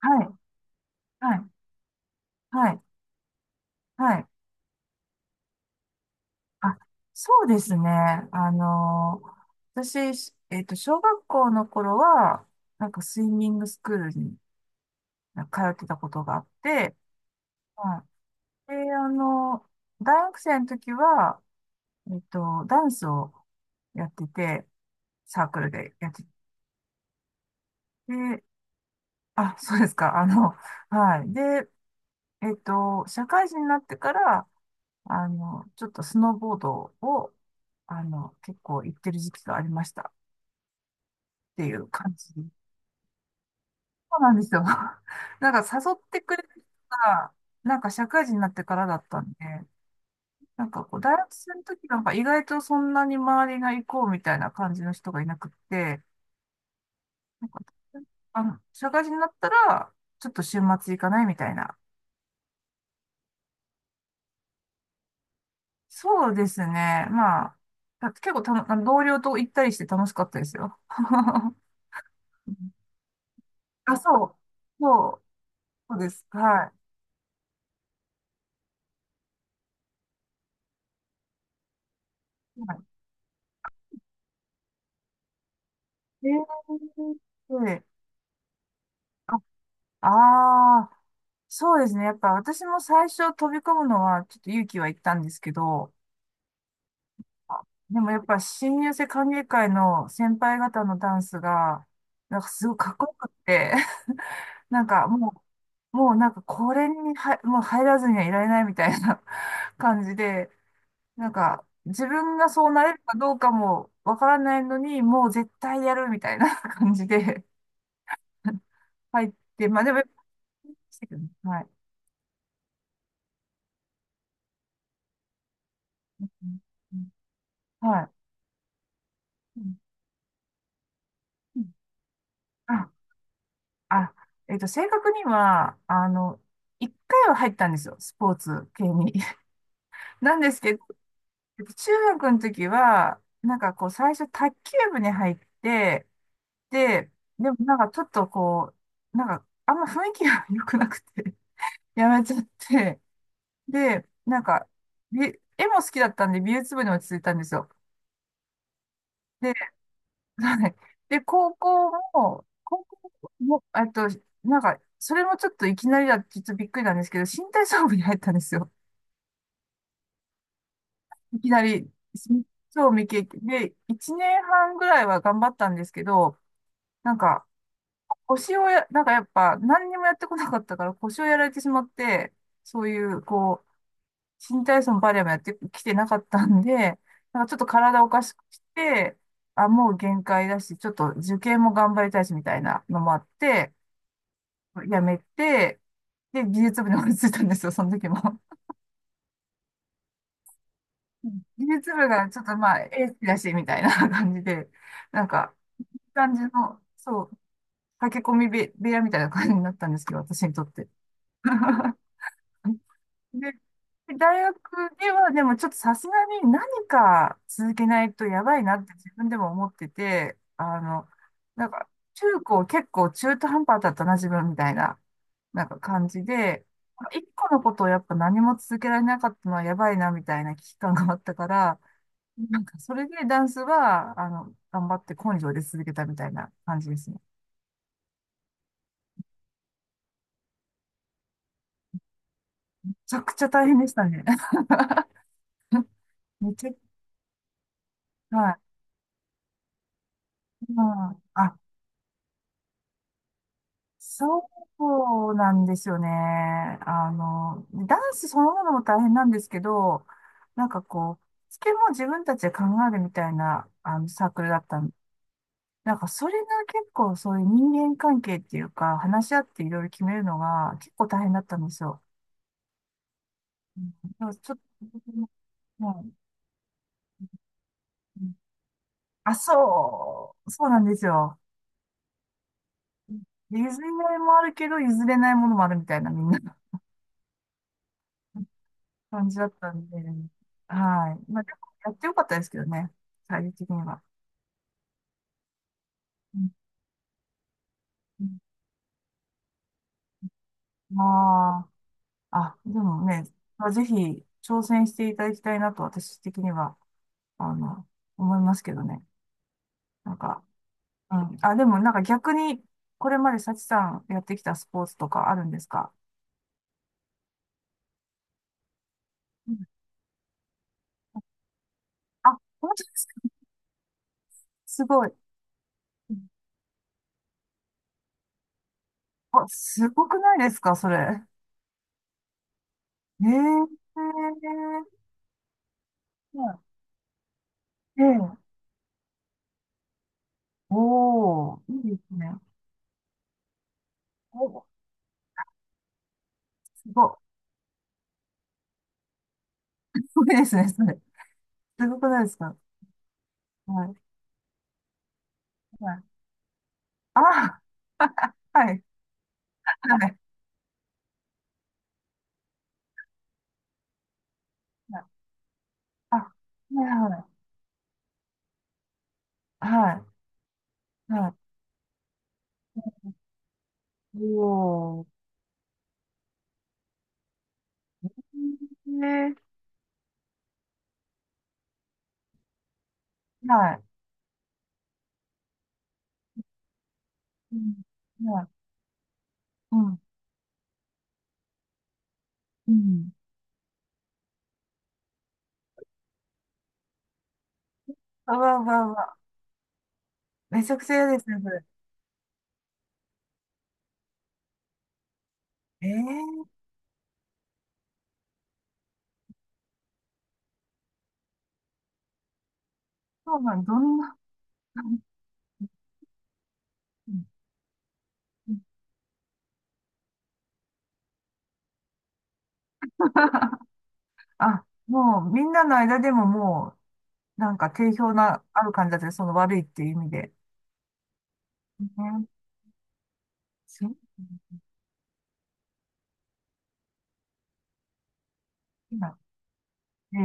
はい、はい、はい、はい。あ、そうですね。あのー私、しえっと、小学校の頃は、なんかスイミングスクールになんか通ってたことがあって、はい。で、大学生の時は、ダンスをやってて、サークルでやってて、あ、そうですか。はい。で、社会人になってから、ちょっとスノーボードを、結構行ってる時期がありましたっていう感じ。そうなんですよ。なんか誘ってくれた人が、なんか社会人になってからだったんで、なんかこう、大学生の時なんか意外とそんなに周りが行こうみたいな感じの人がいなくって、なんか、社会人になったら、ちょっと週末行かないみたいな。そうですね。まあ、だって結構あの同僚と行ったりして楽しかったですよ。あ、そう、そう、そうです。はい。はい。であ、あー、そうですね。やっぱ私も最初飛び込むのはちょっと勇気はいったんですけど、あでもやっぱ新入生歓迎会の先輩方のダンスが、なんかすごいかっこよくって、なんかもう、もうなんかこれには、もう入らずにはいられないみたいな 感じで、なんか自分がそうなれるかどうかもわからないのに、もう絶対やるみたいな 感じで入って、まあでも、はい。うんはい。うんうんあ、あ、正確には、一回は入ったんですよ、スポーツ系に。なんですけど、中学の時は、なんかこう、最初卓球部に入って、で、でもなんかちょっとこう、なんか、あんま雰囲気が 良くなくて、やめちゃって、で、なんか、絵も好きだったんで、美術部に落ち着いたんですよ。はい。で、高校も、なんか、それもちょっといきなりだって、ちょっとびっくりなんですけど、新体操部に入ったんですよ。いきなり、そう未経験。で、1年半ぐらいは頑張ったんですけど、なんか、腰をや、なんかやっぱ、何にもやってこなかったから腰をやられてしまって、そういう、こう、新体操もバレエもやってきてなかったんで、なんかちょっと体おかしくして、あ、もう限界だし、ちょっと受験も頑張りたいしみたいなのもあって、辞めて、で、技術部に追いついたんですよ、その時も。うん技術部がちょっとまあ、エースだし、みたいな 感じで、なんか、いい感じの、そう、駆け込み部部屋みたいな感じになったんですけど、私にとって。ねで、大学ではでもちょっとさすがに何か続けないとやばいなって自分でも思ってて、なんか中高結構中途半端だったな自分みたいな、なんか感じで、一個のことをやっぱ何も続けられなかったのはやばいなみたいな危機感があったから、なんかそれでダンスは、頑張って根性で続けたみたいな感じですね。めちゃくちゃ大変でしたね。めちゃ、はい。うん、あ、そうなんですよね。ダンスそのものも大変なんですけど、なんかこう、つけも自分たちで考えるみたいな、サークルだったん。なんかそれが結構そういう人間関係っていうか、話し合っていろいろ決めるのが結構大変だったんですよ。うんだからちょっと、もう、あ、そう、そうなんですよ。譲れないもあるけど、譲れないものもあるみたいな、みんな。感じだったんで、はい。まあ、でもやってよかったですけどね、最終的には。うんまあ、あ、でもね、まあ、ぜひ挑戦していただきたいなと私的には、あの、思いますけどね。なんか、うん。あ、でもなんか逆に、これまで幸さんやってきたスポーツとかあるんですか？うんあ、本当ですか？すごい。うんあ、すごくないですか？それ。ええええええおー、いいですね。すごい、すごいですね、それ。すごくないですか？はい。はい。ああ はい。はい。あ、はいはい。はい。はい。おー。ね。はい。うん。はい。うん。うん。あわあわあわあ。めちゃくちゃ嫌ですね、それ。ええー、そうなん、どんな、うんあ、もうみんなの間でももう、なんか定評な、ある感じだったね、その悪いっていう意味で。ね、そう。へえ、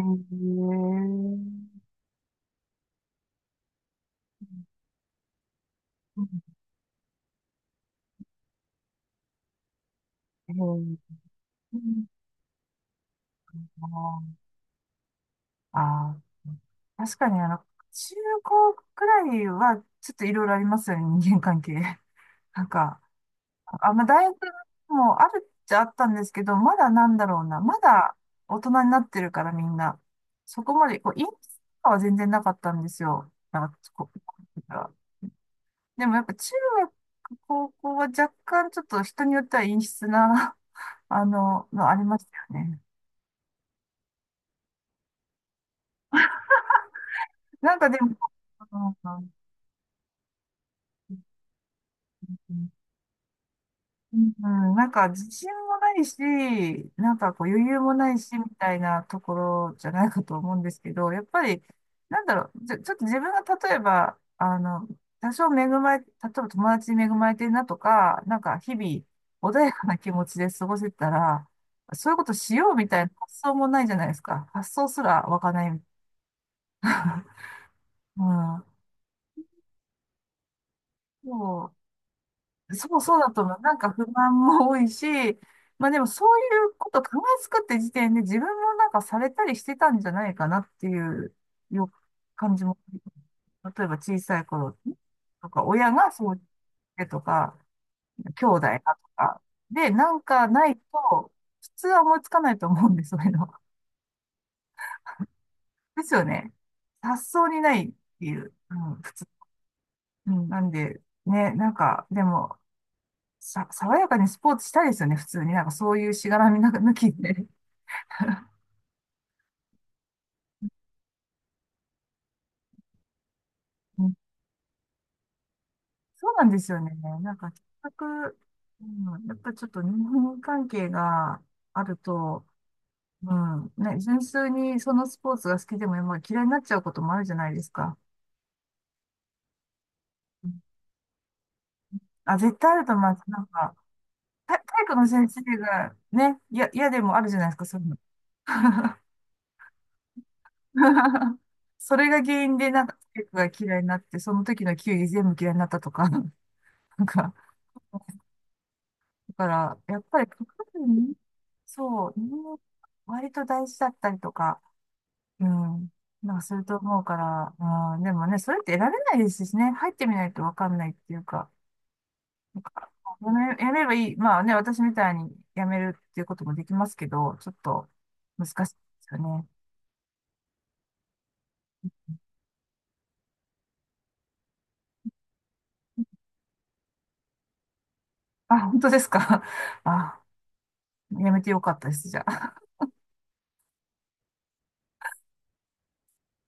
へえ、ああー、確かに中高くらいはちょっといろいろありますよね、人間関係。なんか、あ、まあ、大学もあるっちゃあったんですけど、まだなんだろうな、まだ大人になってるからみんな、そこまで、こう、陰気とかは全然なかったんですよ。なんかこうでもやっぱ中学、高校は若干ちょっと人によっては陰湿なのありましたよね。なんかでも、あのうん、なんか自信もないし、なんかこう余裕もないし、みたいなところじゃないかと思うんですけど、やっぱり、なんだろう、ちょっと自分が例えば、多少恵まれ、例えば友達に恵まれてるなとか、なんか日々穏やかな気持ちで過ごせたら、そういうことしようみたいな発想もないじゃないですか。発想すら湧かない。うん。そうそうそうだと思う。なんか不満も多いし、まあでもそういうこと考えつくって時点で自分もなんかされたりしてたんじゃないかなっていうよ感じも。例えば小さい頃とか、親がそう言ってとか、兄弟がとか。で、なんかないと、普通は思いつかないと思うんです、そういうの。ですよね。発想にないっていう、うん、普通。うん、なんで、ね、なんか、でも、爽やかにスポーツしたいですよね、普通に。なんかそういうしがらみなんか 抜きで。うんそうなんですよね。なんか、結局、うん、やっぱちょっと日本関係があると、うん、ね、純粋にそのスポーツが好きでも、まあ、嫌いになっちゃうこともあるじゃないですか。うんあ、絶対あると思います。なんか、体育の先生がね、いや、嫌でもあるじゃないですか、そういうの。それが原因で、なんか、体育が嫌いになって、その時の球技全部嫌いになったとか、なんか、だから、やっぱりかかるね。そう、人間割と大事だったりとか、うん、なんかすると思うから、うん、でもね、それって得られないですしね、入ってみないとわかんないっていうか、なんかやめればいい。まあね、私みたいにやめるっていうこともできますけど、ちょっと難しいですよね。あ、本当ですか。あ、やめてよかったです、じゃあ。